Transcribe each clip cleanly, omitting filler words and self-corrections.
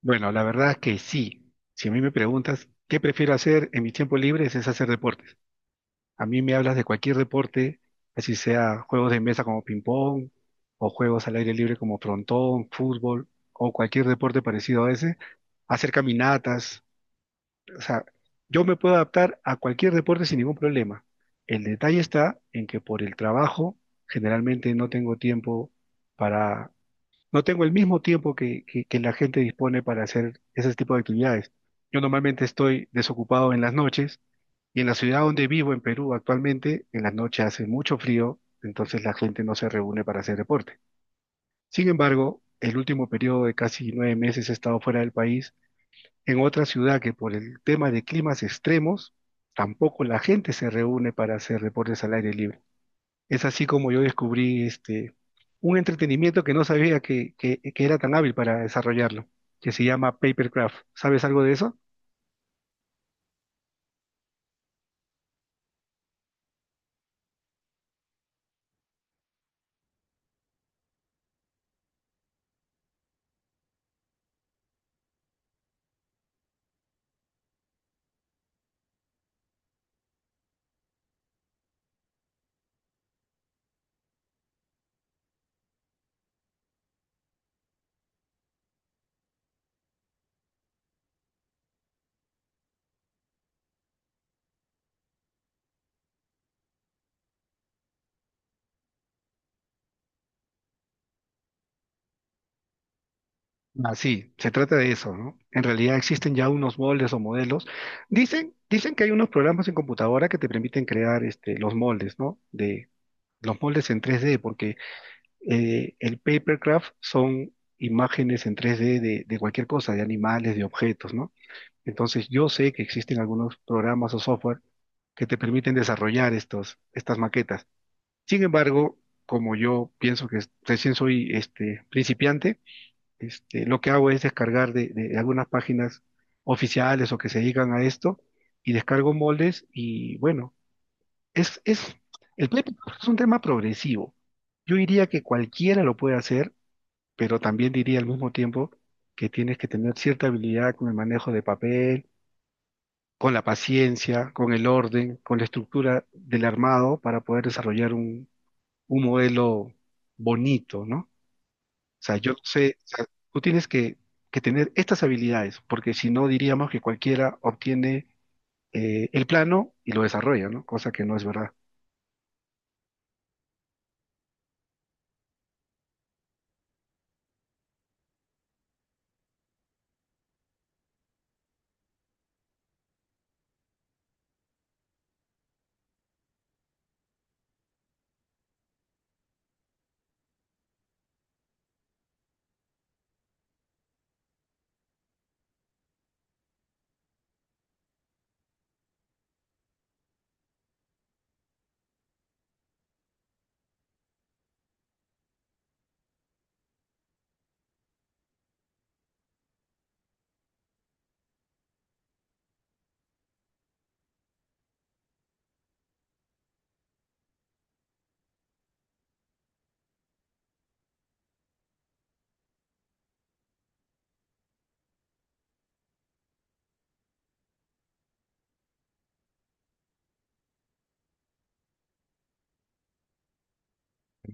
Bueno, la verdad que sí. Si a mí me preguntas qué prefiero hacer en mis tiempos libres es hacer deportes. A mí me hablas de cualquier deporte, así sea juegos de mesa como ping-pong o juegos al aire libre como frontón, fútbol o cualquier deporte parecido a ese, hacer caminatas. O sea, yo me puedo adaptar a cualquier deporte sin ningún problema. El detalle está en que por el trabajo generalmente no tengo tiempo para no tengo el mismo tiempo que la gente dispone para hacer ese tipo de actividades. Yo normalmente estoy desocupado en las noches y en la ciudad donde vivo, en Perú, actualmente, en las noches hace mucho frío, entonces la gente no se reúne para hacer deporte. Sin embargo, el último periodo de casi nueve meses he estado fuera del país, en otra ciudad que por el tema de climas extremos, tampoco la gente se reúne para hacer deportes al aire libre. Es así como yo descubrí un entretenimiento que no sabía que era tan hábil para desarrollarlo, que se llama Papercraft. ¿Sabes algo de eso? Ah, sí, se trata de eso, ¿no? En realidad existen ya unos moldes o modelos. Dicen que hay unos programas en computadora que te permiten crear los moldes, ¿no? De los moldes en 3D, porque el papercraft son imágenes en 3D de cualquier cosa, de animales, de objetos, ¿no? Entonces, yo sé que existen algunos programas o software que te permiten desarrollar estos, estas maquetas. Sin embargo, como yo pienso recién soy principiante, lo que hago es descargar de algunas páginas oficiales o que se dedican a esto y descargo moldes y bueno, es, es, el PlayStation es un tema progresivo. Yo diría que cualquiera lo puede hacer, pero también diría al mismo tiempo que tienes que tener cierta habilidad con el manejo de papel, con la paciencia, con el orden, con la estructura del armado para poder desarrollar un modelo bonito, ¿no? O sea, yo no sé, o sea, tú tienes que tener estas habilidades, porque si no diríamos que cualquiera obtiene el plano y lo desarrolla, ¿no? Cosa que no es verdad.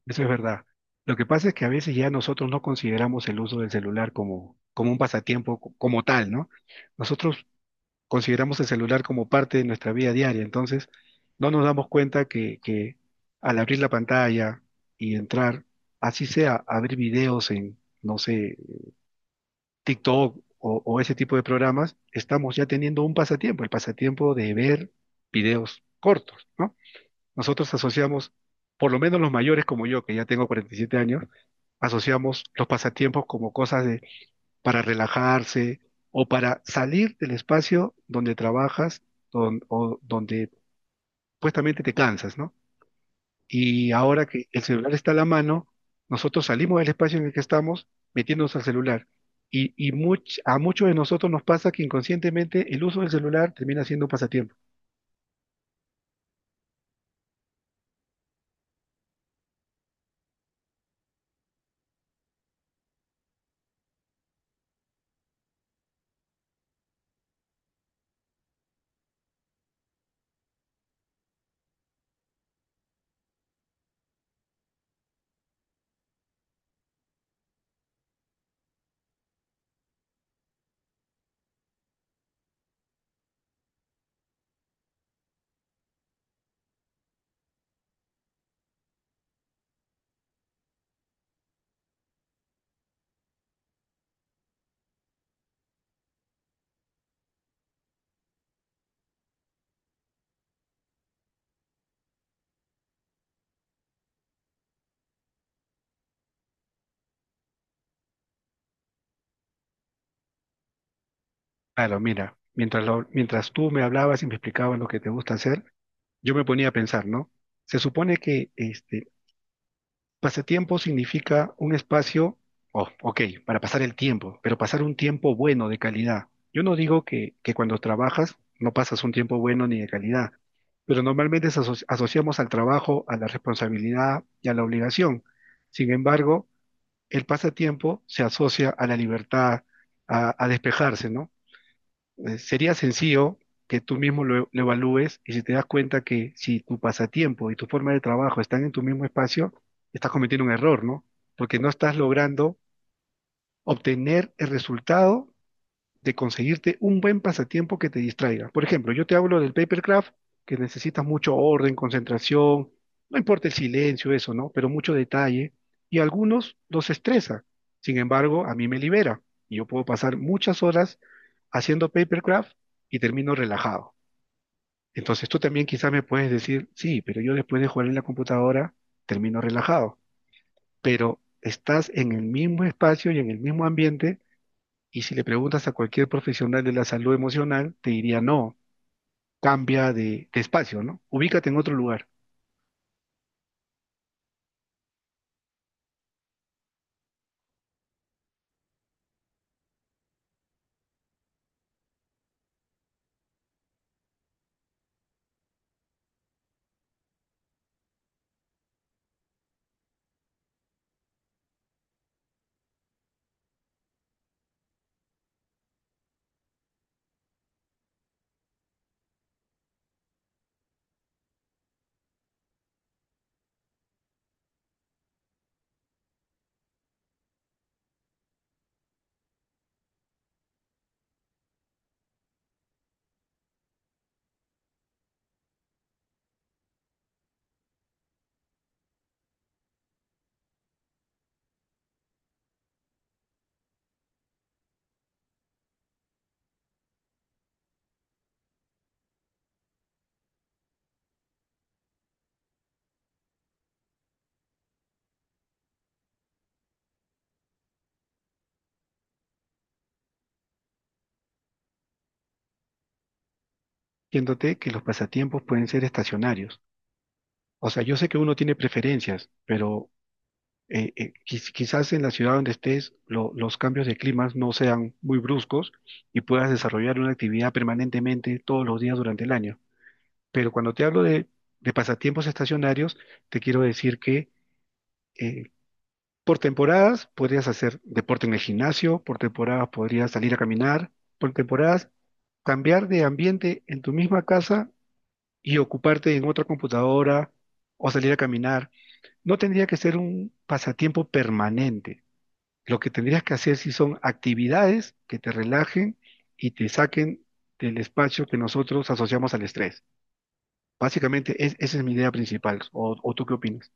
Eso es verdad. Lo que pasa es que a veces ya nosotros no consideramos el uso del celular como, como un pasatiempo como tal, ¿no? Nosotros consideramos el celular como parte de nuestra vida diaria, entonces no nos damos cuenta que al abrir la pantalla y entrar, así sea, abrir videos en, no sé, TikTok o ese tipo de programas, estamos ya teniendo un pasatiempo, el pasatiempo de ver videos cortos, ¿no? Nosotros asociamos, por lo menos los mayores como yo, que ya tengo 47 años, asociamos los pasatiempos como cosas de para relajarse o para salir del espacio donde trabajas o donde supuestamente te cansas, ¿no? Y ahora que el celular está a la mano, nosotros salimos del espacio en el que estamos metiéndonos al celular. A muchos de nosotros nos pasa que inconscientemente el uso del celular termina siendo un pasatiempo. Claro, mira, mientras tú me hablabas y me explicabas lo que te gusta hacer, yo me ponía a pensar, ¿no? Se supone que pasatiempo significa un espacio, oh, ok, para pasar el tiempo, pero pasar un tiempo bueno de calidad. Yo no digo que cuando trabajas no pasas un tiempo bueno ni de calidad, pero normalmente asociamos al trabajo, a la responsabilidad y a la obligación. Sin embargo, el pasatiempo se asocia a la libertad, a despejarse, ¿no? Sería sencillo que tú mismo lo evalúes y si te das cuenta que si tu pasatiempo y tu forma de trabajo están en tu mismo espacio, estás cometiendo un error, ¿no? Porque no estás logrando obtener el resultado de conseguirte un buen pasatiempo que te distraiga. Por ejemplo, yo te hablo del papercraft, que necesitas mucho orden, concentración, no importa el silencio, eso, ¿no? Pero mucho detalle. Y a algunos los estresa. Sin embargo, a mí me libera. Y yo puedo pasar muchas horas haciendo papercraft y termino relajado. Entonces tú también quizás me puedes decir, sí, pero yo después de jugar en la computadora termino relajado. Pero estás en el mismo espacio y en el mismo ambiente y si le preguntas a cualquier profesional de la salud emocional, te diría no, cambia de espacio, ¿no? Ubícate en otro lugar, diciéndote que los pasatiempos pueden ser estacionarios. O sea, yo sé que uno tiene preferencias, pero quizás en la ciudad donde estés los cambios de climas no sean muy bruscos y puedas desarrollar una actividad permanentemente todos los días durante el año. Pero cuando te hablo de pasatiempos estacionarios, te quiero decir que eh, por temporadas podrías hacer deporte en el gimnasio, por temporadas podrías salir a caminar, por temporadas cambiar de ambiente en tu misma casa y ocuparte en otra computadora o salir a caminar. No tendría que ser un pasatiempo permanente. Lo que tendrías que hacer si son actividades que te relajen y te saquen del espacio que nosotros asociamos al estrés. Básicamente esa es mi idea principal. O tú qué opinas?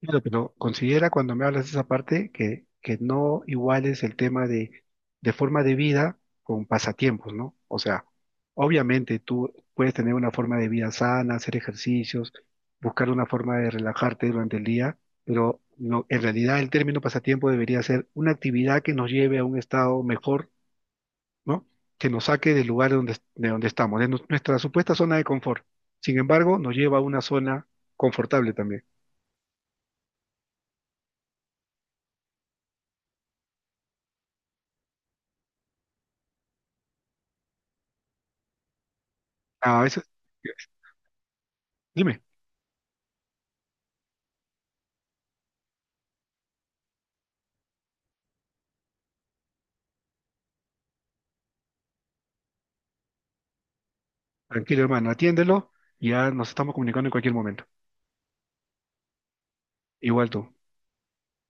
Claro, pero considera cuando me hablas de esa parte que no iguales el tema de forma de vida con pasatiempos, ¿no? O sea, obviamente tú puedes tener una forma de vida sana, hacer ejercicios, buscar una forma de relajarte durante el día, pero en realidad el término pasatiempo debería ser una actividad que nos lleve a un estado mejor, ¿no? Que nos saque del lugar donde, de donde estamos, de nuestra supuesta zona de confort. Sin embargo, nos lleva a una zona confortable también. A veces, dime. Tranquilo, hermano, atiéndelo. Ya nos estamos comunicando en cualquier momento. Igual tú.